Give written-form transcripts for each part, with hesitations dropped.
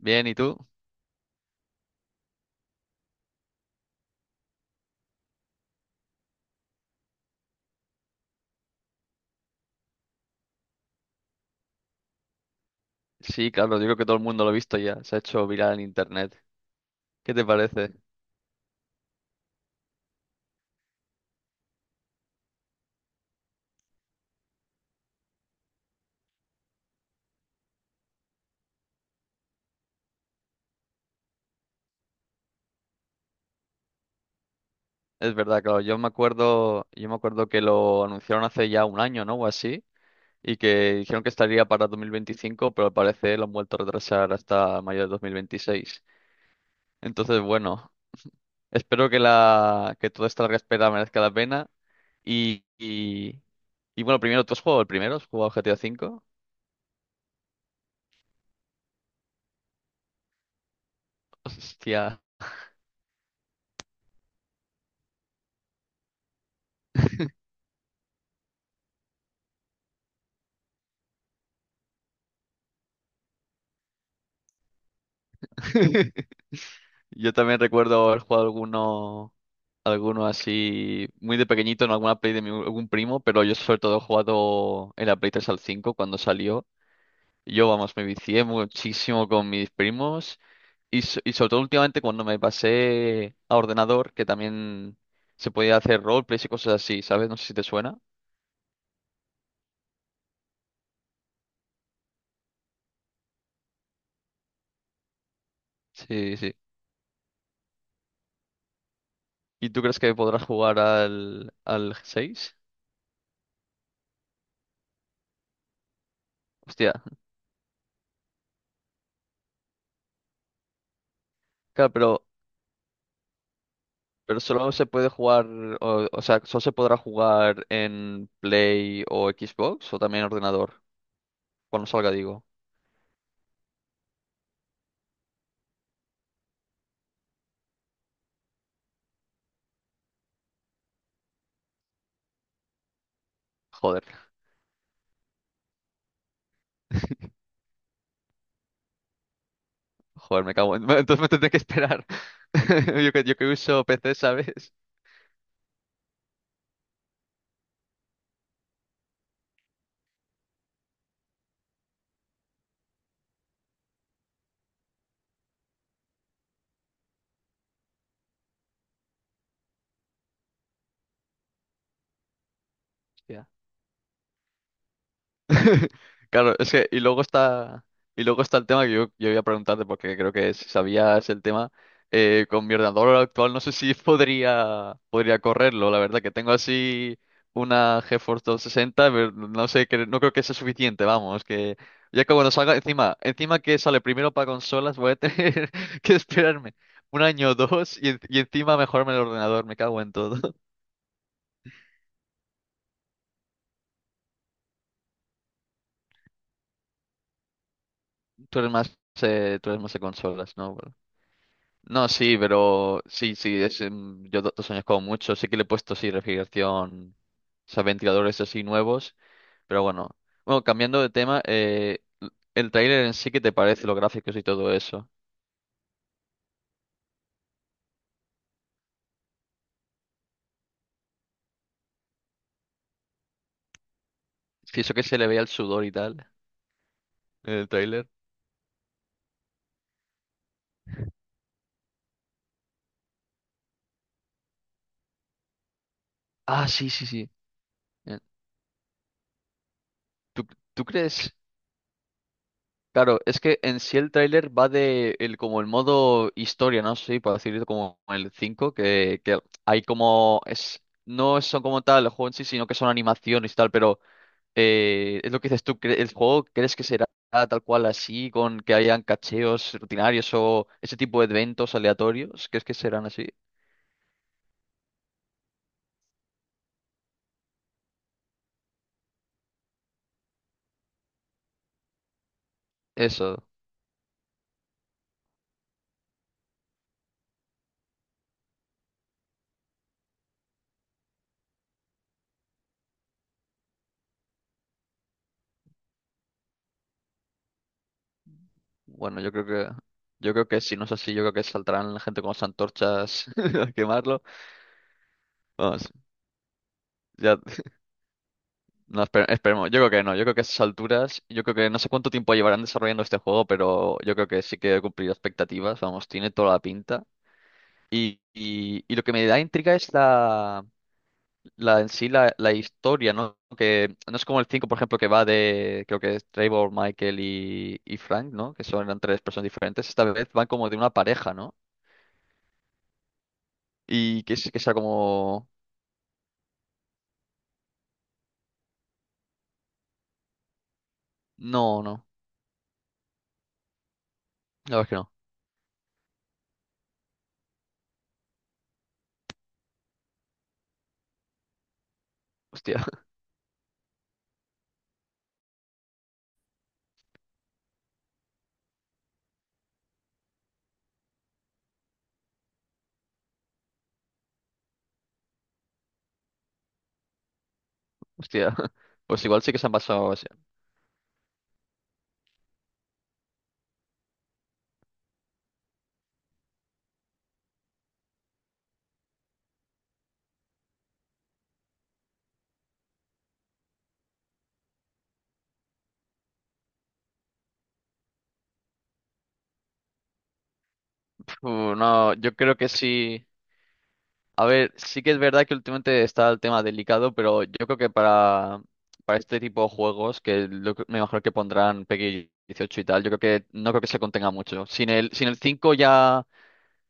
Bien, ¿y tú? Sí, claro, yo creo que todo el mundo lo ha visto ya, se ha hecho viral en internet. ¿Qué te parece? Es verdad, claro, yo me acuerdo que lo anunciaron hace ya un año, ¿no? O así, y que dijeron que estaría para 2025, pero al parecer lo han vuelto a retrasar hasta mayo de 2026. Entonces, bueno, espero que toda esta larga espera merezca la pena. Y, y, y bueno, primero, ¿tú has jugado el primero? ¿Has jugado GTA 5? Hostia. Yo también recuerdo haber jugado alguno así, muy de pequeñito en alguna algún primo, pero yo sobre todo he jugado en la Play 3 al 5 cuando salió. Yo, vamos, me vicié muchísimo con mis primos y, y sobre todo últimamente cuando me pasé a ordenador, que también se podía hacer roleplays y cosas así, ¿sabes? No sé si te suena. Sí, sí. ¿Y tú crees que podrás jugar al 6? Hostia, claro, pero solo se puede jugar, o sea, solo se podrá jugar en Play o Xbox o también en ordenador. Cuando salga, digo. Joder, joder, me cago en... Entonces me tendré que esperar. Yo que uso PC, ¿sabes? Ya. Claro, es que, y luego está el tema que yo voy a preguntarte, porque creo que si sabías el tema, con mi ordenador actual no sé si podría correrlo, la verdad que tengo así una GeForce 260, pero no sé, que, no creo que sea suficiente, vamos, que ya que cuando salga, encima, encima que sale primero para consolas, voy a tener que esperarme un año o dos y, y encima mejorarme el ordenador, me cago en todo. Tú eres más de consolas, ¿no? Bueno. No, sí, pero sí, sí, yo 2 años como mucho. Sí que le he puesto, sí, refrigeración, o sea, ventiladores así nuevos, pero bueno. Bueno, cambiando de tema, el tráiler en sí, ¿qué te parece? Los gráficos y todo eso. Sí, eso que se le veía el sudor y tal en el tráiler. Ah, sí, sí, sí. Eh, ¿Tú, tú crees? Claro, es que en sí el tráiler va de el, como el modo historia, ¿no? Sí, para decirlo como el cinco, que hay como... es No son como tal el juego en sí, sino que son animaciones y tal, pero... es lo que dices tú. ¿El juego crees que será tal cual así, con que hayan cacheos rutinarios o ese tipo de eventos aleatorios? ¿Crees que serán así? Eso. Bueno, yo creo que si no es así, yo creo que saltarán la gente con las antorchas a quemarlo. Vamos, ya no, esperemos. Yo creo que no, yo creo que a esas alturas, yo creo que no sé cuánto tiempo llevarán desarrollando este juego, pero yo creo que sí que he cumplido expectativas, vamos, tiene toda la pinta. Y lo que me da intriga es la en sí la historia, ¿no? Que no es como el 5 por ejemplo, que va de, creo que es Trevor, Michael y Frank, ¿no? Que son eran tres personas diferentes. Esta vez van como de una pareja, ¿no? Y que sea como... No, no. La verdad es que no. Hostia, hostia. Pues igual sí que se han pasado... o sea. Uf, no, yo creo que sí. A ver, sí que es verdad que últimamente está el tema delicado, pero yo creo que para este tipo de juegos, que me imagino que pondrán PEGI 18 y tal, yo creo que no creo que se contenga mucho. Sin el 5 ya,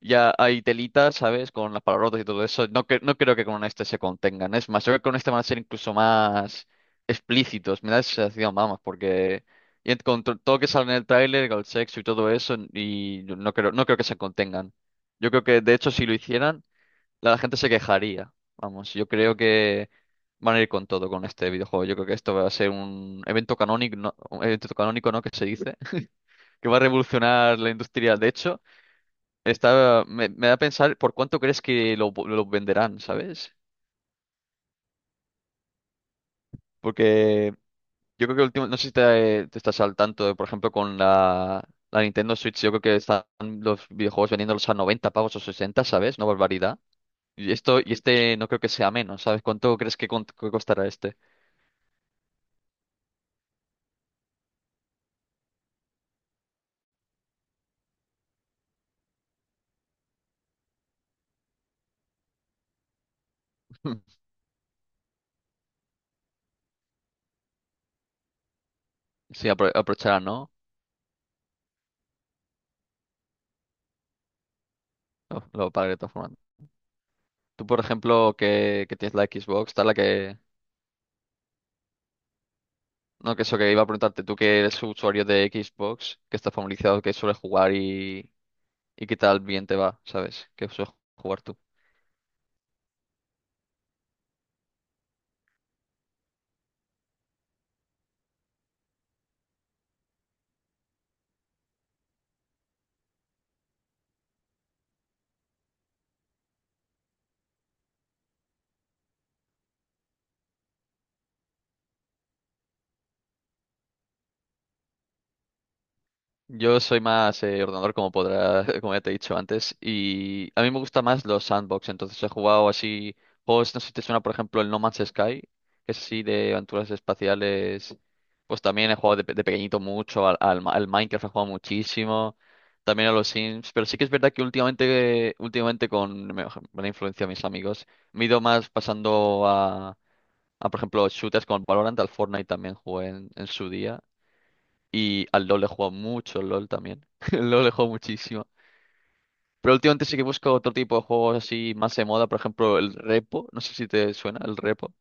ya hay telitas, ¿sabes? Con las palabrotas y todo eso. No, no creo que con este se contengan. Es más, yo creo que con este van a ser incluso más explícitos. Me da esa sensación, vamos, porque y con todo lo que sale en el tráiler, con el sexo y todo eso, y no creo que se contengan. Yo creo que, de hecho, si lo hicieran la gente se quejaría. Vamos, yo creo que van a ir con todo con este videojuego. Yo creo que esto va a ser un evento canónico, no, un evento canónico, ¿no? Que se dice, que va a revolucionar la industria. De hecho, me da a pensar por cuánto crees que lo venderán, ¿sabes? Porque yo creo que el último, no sé si te estás al tanto, por ejemplo, con la Nintendo Switch, yo creo que están los videojuegos vendiéndolos a 90 pavos o 60, ¿sabes? No barbaridad. Y este no creo que sea menos, ¿sabes? ¿Cuánto crees que costará este? Sí, aprovechar, ¿no? Lo pagaré de todas formas. Tú, por ejemplo, que tienes la Xbox, tal, la que... No, que eso que iba a preguntarte, tú que eres usuario de Xbox, que estás familiarizado, que suele jugar y qué tal bien te va, ¿sabes? ¿Qué sueles jugar tú? Yo soy más ordenador, como podrá, como ya te he dicho antes, y a mí me gustan más los sandbox, entonces he jugado así juegos, no sé si te suena, por ejemplo, el No Man's Sky, que es así de aventuras espaciales, pues también he jugado de pequeñito mucho, al Minecraft he jugado muchísimo, también a los Sims, pero sí que es verdad que últimamente con la influencia de mis amigos, me he ido más pasando a, por ejemplo, shooters con Valorant, al Fortnite también jugué en su día. Y al LoL he jugado mucho, al LoL también. El LoL he jugado muchísimo. Pero últimamente sí que busco otro tipo de juegos así más de moda. Por ejemplo, el Repo. No sé si te suena el Repo.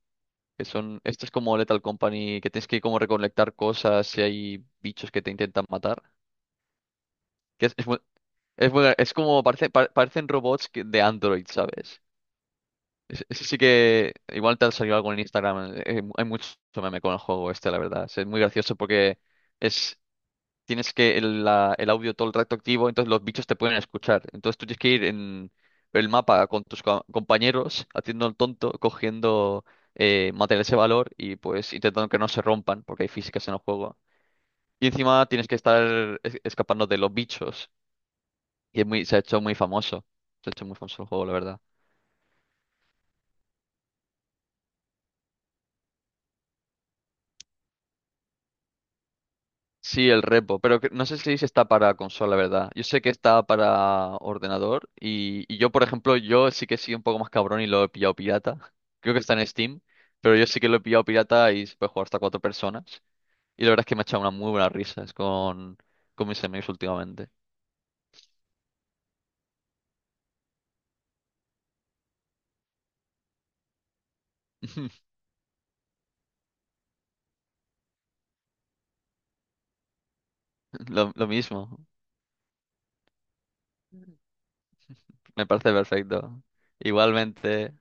Este es como Lethal Company, que tienes que como recolectar cosas si hay bichos que te intentan matar. Que es como, parecen robots de Android, ¿sabes? Ese sí que igual te ha salido algo en Instagram. Hay mucho meme con el juego este, la verdad. Es muy gracioso porque... Es, tienes que el audio todo el rato activo, entonces los bichos te pueden escuchar. Entonces tú tienes que ir en el mapa con tus compañeros, haciendo el tonto, cogiendo materiales de valor y pues intentando que no se rompan, porque hay físicas en el juego. Y encima tienes que estar escapando de los bichos, y se ha hecho muy famoso. Se ha hecho muy famoso el juego, la verdad. Sí, el repo, pero no sé si está para consola, ¿verdad? Yo sé que está para ordenador y yo, por ejemplo, yo sí que soy un poco más cabrón y lo he pillado pirata. Creo que está en Steam, pero yo sí que lo he pillado pirata y se puede jugar hasta cuatro personas. Y la verdad es que me ha echado una muy buena risa con mis amigos últimamente. Lo mismo, me parece perfecto. Igualmente.